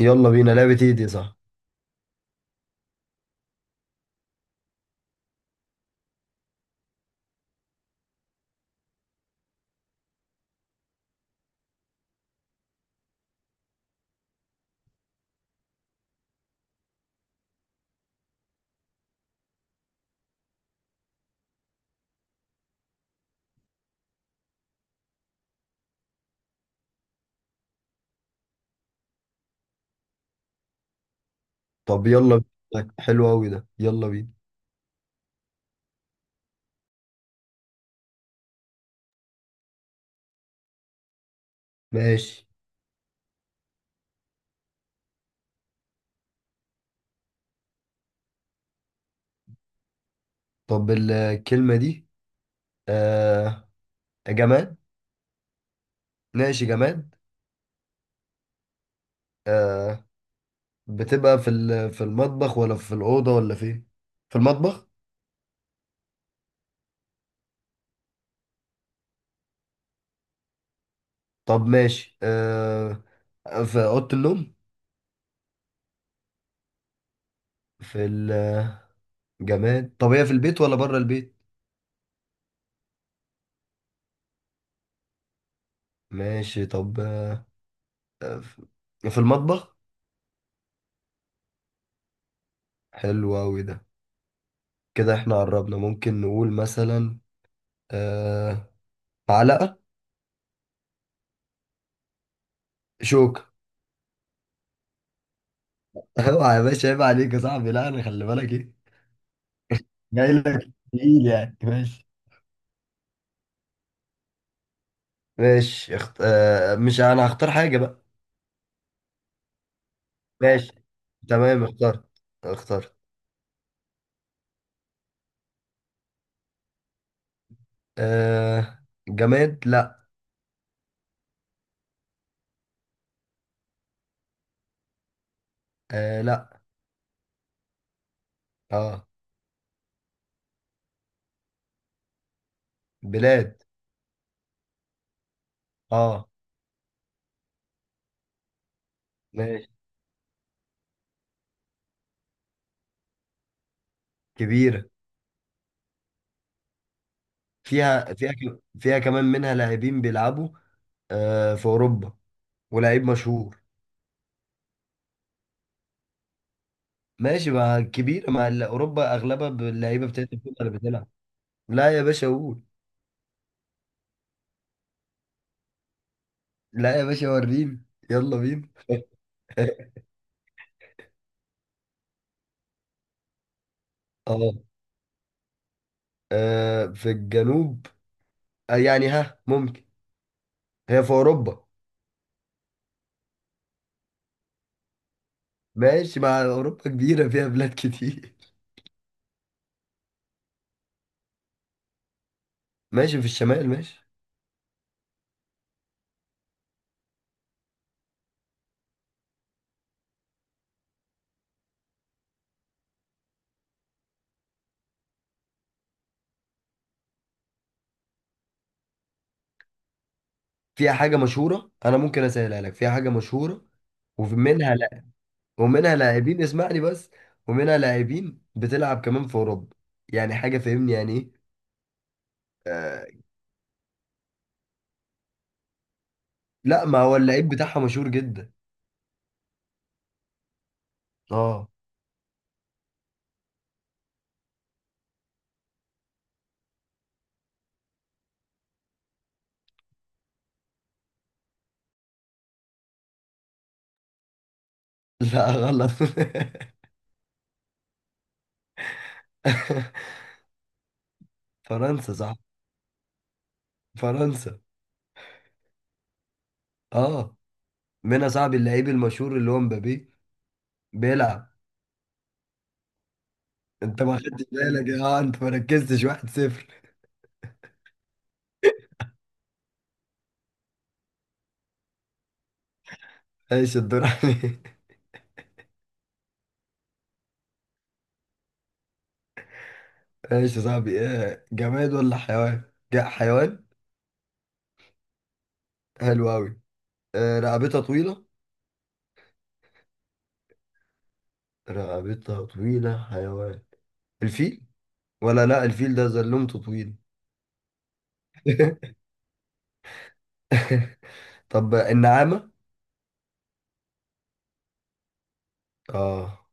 يلا بينا. لعبة ايه دي؟ صح. طب يلا بينا. حلو أوي ده، يلا بينا. ماشي. طب الكلمة دي. آه. جماد؟ ماشي، جماد. آه، بتبقى في في المطبخ ولا في الأوضة ولا فين؟ في المطبخ. طب ماشي. آه. في أوضة النوم؟ في الجماد، طب هي في البيت ولا بره البيت؟ ماشي. طب، آه، في المطبخ؟ حلو أوي ده، كده احنا قربنا. ممكن نقول مثلا آه معلقة؟ شوكة؟ اوعى يا باشا، عيب عليك يا صاحبي. لا، انا خلي بالك ايه. جاي لك تقيل يعني، ماشي. ماشي، اخت... آه مش انا هختار حاجة بقى. ماشي تمام. اخترت، اخترت. آه، جماد؟ لا. آه، لا. اه، بلاد. اه، ماشي، كبيرة. فيها كمان منها لاعبين بيلعبوا. آه، في اوروبا. ولاعيب مشهور. ماشي مع كبيرة، مع اوروبا اغلبها باللعيبة بتاعت الفوتبول اللي بتلعب. لا يا باشا، قول. لا يا باشا، وريني. يلا بينا. اه. آه، آه، في الجنوب. آه، يعني ها ممكن. هي في اوروبا؟ ماشي، مع اوروبا كبيره فيها بلاد كتير. ماشي، في الشمال، ماشي. فيها حاجه مشهوره، انا ممكن اسهلها لك، فيها حاجه مشهوره. ومنها، لا، ومنها لاعبين، اسمعني بس. ومنها لاعبين بتلعب كمان في اوروبا. يعني حاجه فاهمني يعني ايه. آه، لا، ما هو اللعيب بتاعها مشهور جدا. اه. لا غلط. فرنسا، صح؟ فرنسا. اه، منها صاحب اللعيب المشهور اللي هو مبابي، بيلعب. انت ما خدتش بالك. اه، انت ما ركزتش. 1-0. ايش؟ الدور عليك. ايش يا صاحبي؟ ايه، جماد ولا حيوان؟ جاء حيوان. حلو قوي. اه. رقبتها طويلة؟ رقبتها طويلة، حيوان. الفيل؟ ولا، لا، الفيل ده زلمته طويل. طب النعامة؟ اه.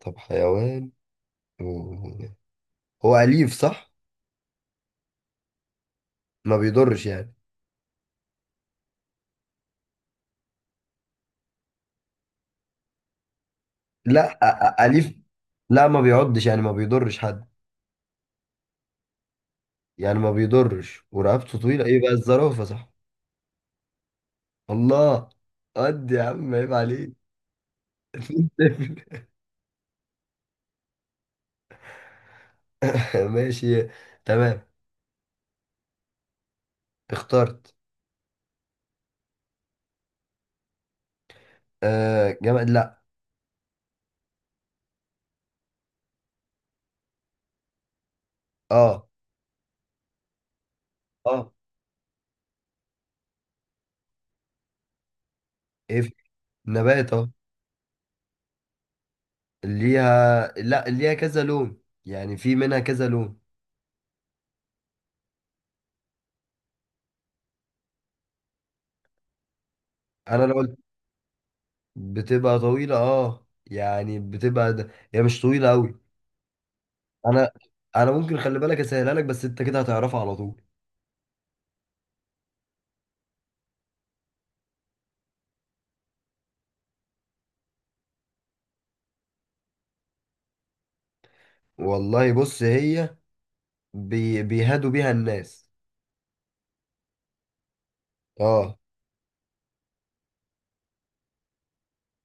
طب حيوان، و- هو أليف، صح؟ ما بيضرش يعني؟ لا، أليف. لا، ما بيعضش يعني ما بيضرش حد. يعني ما بيضرش ورقبته طويلة. ايه بقى؟ الزرافة، صح؟ الله. قد يا عم، عيب عليك. ماشي تمام. اخترت. آه، جماد؟ لا. اه، اه، ايه؟ نبات؟ اه. ليها؟ لا، ليها كذا لون، يعني في منها كذا لون. انا لو قلت بتبقى طويلة، اه يعني بتبقى هي مش طويلة قوي. انا انا ممكن خلي بالك اسهلها لك، بس انت كده هتعرفها على طول. والله بص، هي بيهادوا بيها الناس. اه،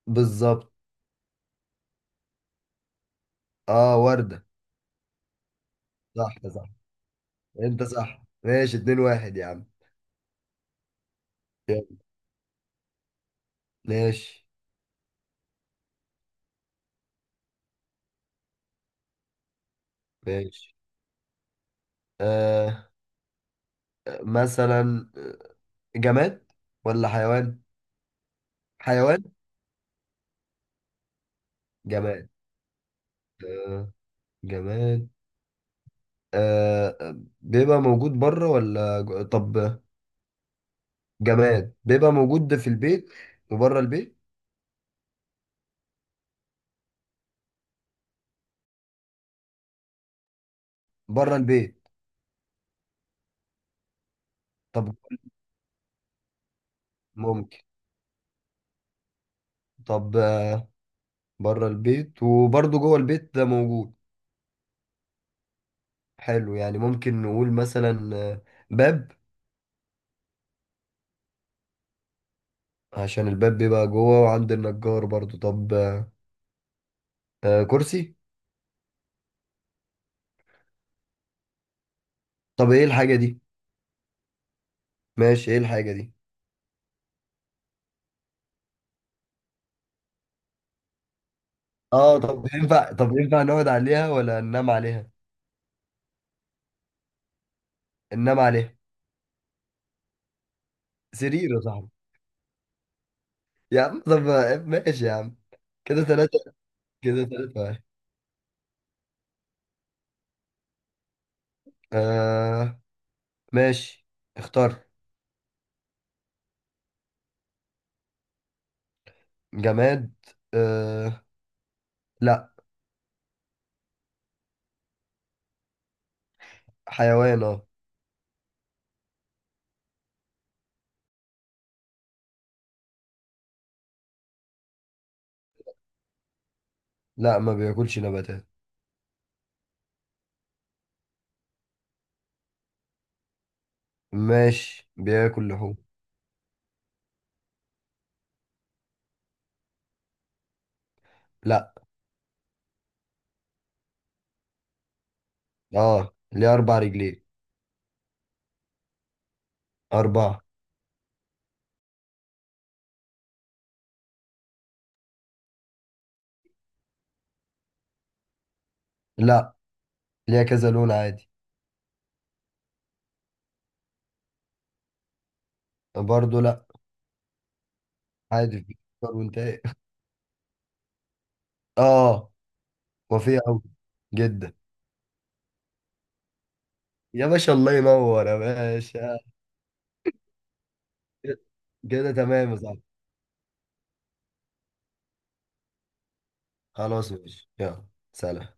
بالظبط. اه، وردة. صح، صح. انت صح، ماشي، 2-1، يا عم. يلا. ماشي، ماشي. آه، مثلا جماد ولا حيوان؟ حيوان؟ جماد؟ آه، جماد. آه، بيبقى موجود بره ولا طب، جماد بيبقى موجود في البيت وبره البيت؟ بره البيت. طب، ممكن. طب، بره البيت وبرضه جوه البيت ده موجود. حلو، يعني ممكن نقول مثلا باب؟ عشان الباب بيبقى جوه وعند النجار برضو. طب، كرسي؟ طب ايه الحاجة دي؟ ماشي، ايه الحاجة دي؟ اه، طب ينفع نقعد عليها ولا ننام عليها؟ ننام عليها. سرير، يا صاحبي. يا عم طب، ماشي يا عم. كده ثلاثة كده 3-1. آه، ماشي، اختار. جماد؟ آه، لا. حيوان، اه. لا، ما بياكلش نباتات. ماشي، بياكل لحوم. لا. اه، ليه 4 رجلين. اربعة. لا، ليها كذا لون عادي. برضه لا. عادي. في فطار، وانت ايه؟ اه، وفيه قوي جدا. يا باشا، الله ينور يا باشا. كده، كده تمام يا صاحبي. خلاص ماشي، يلا، سلام.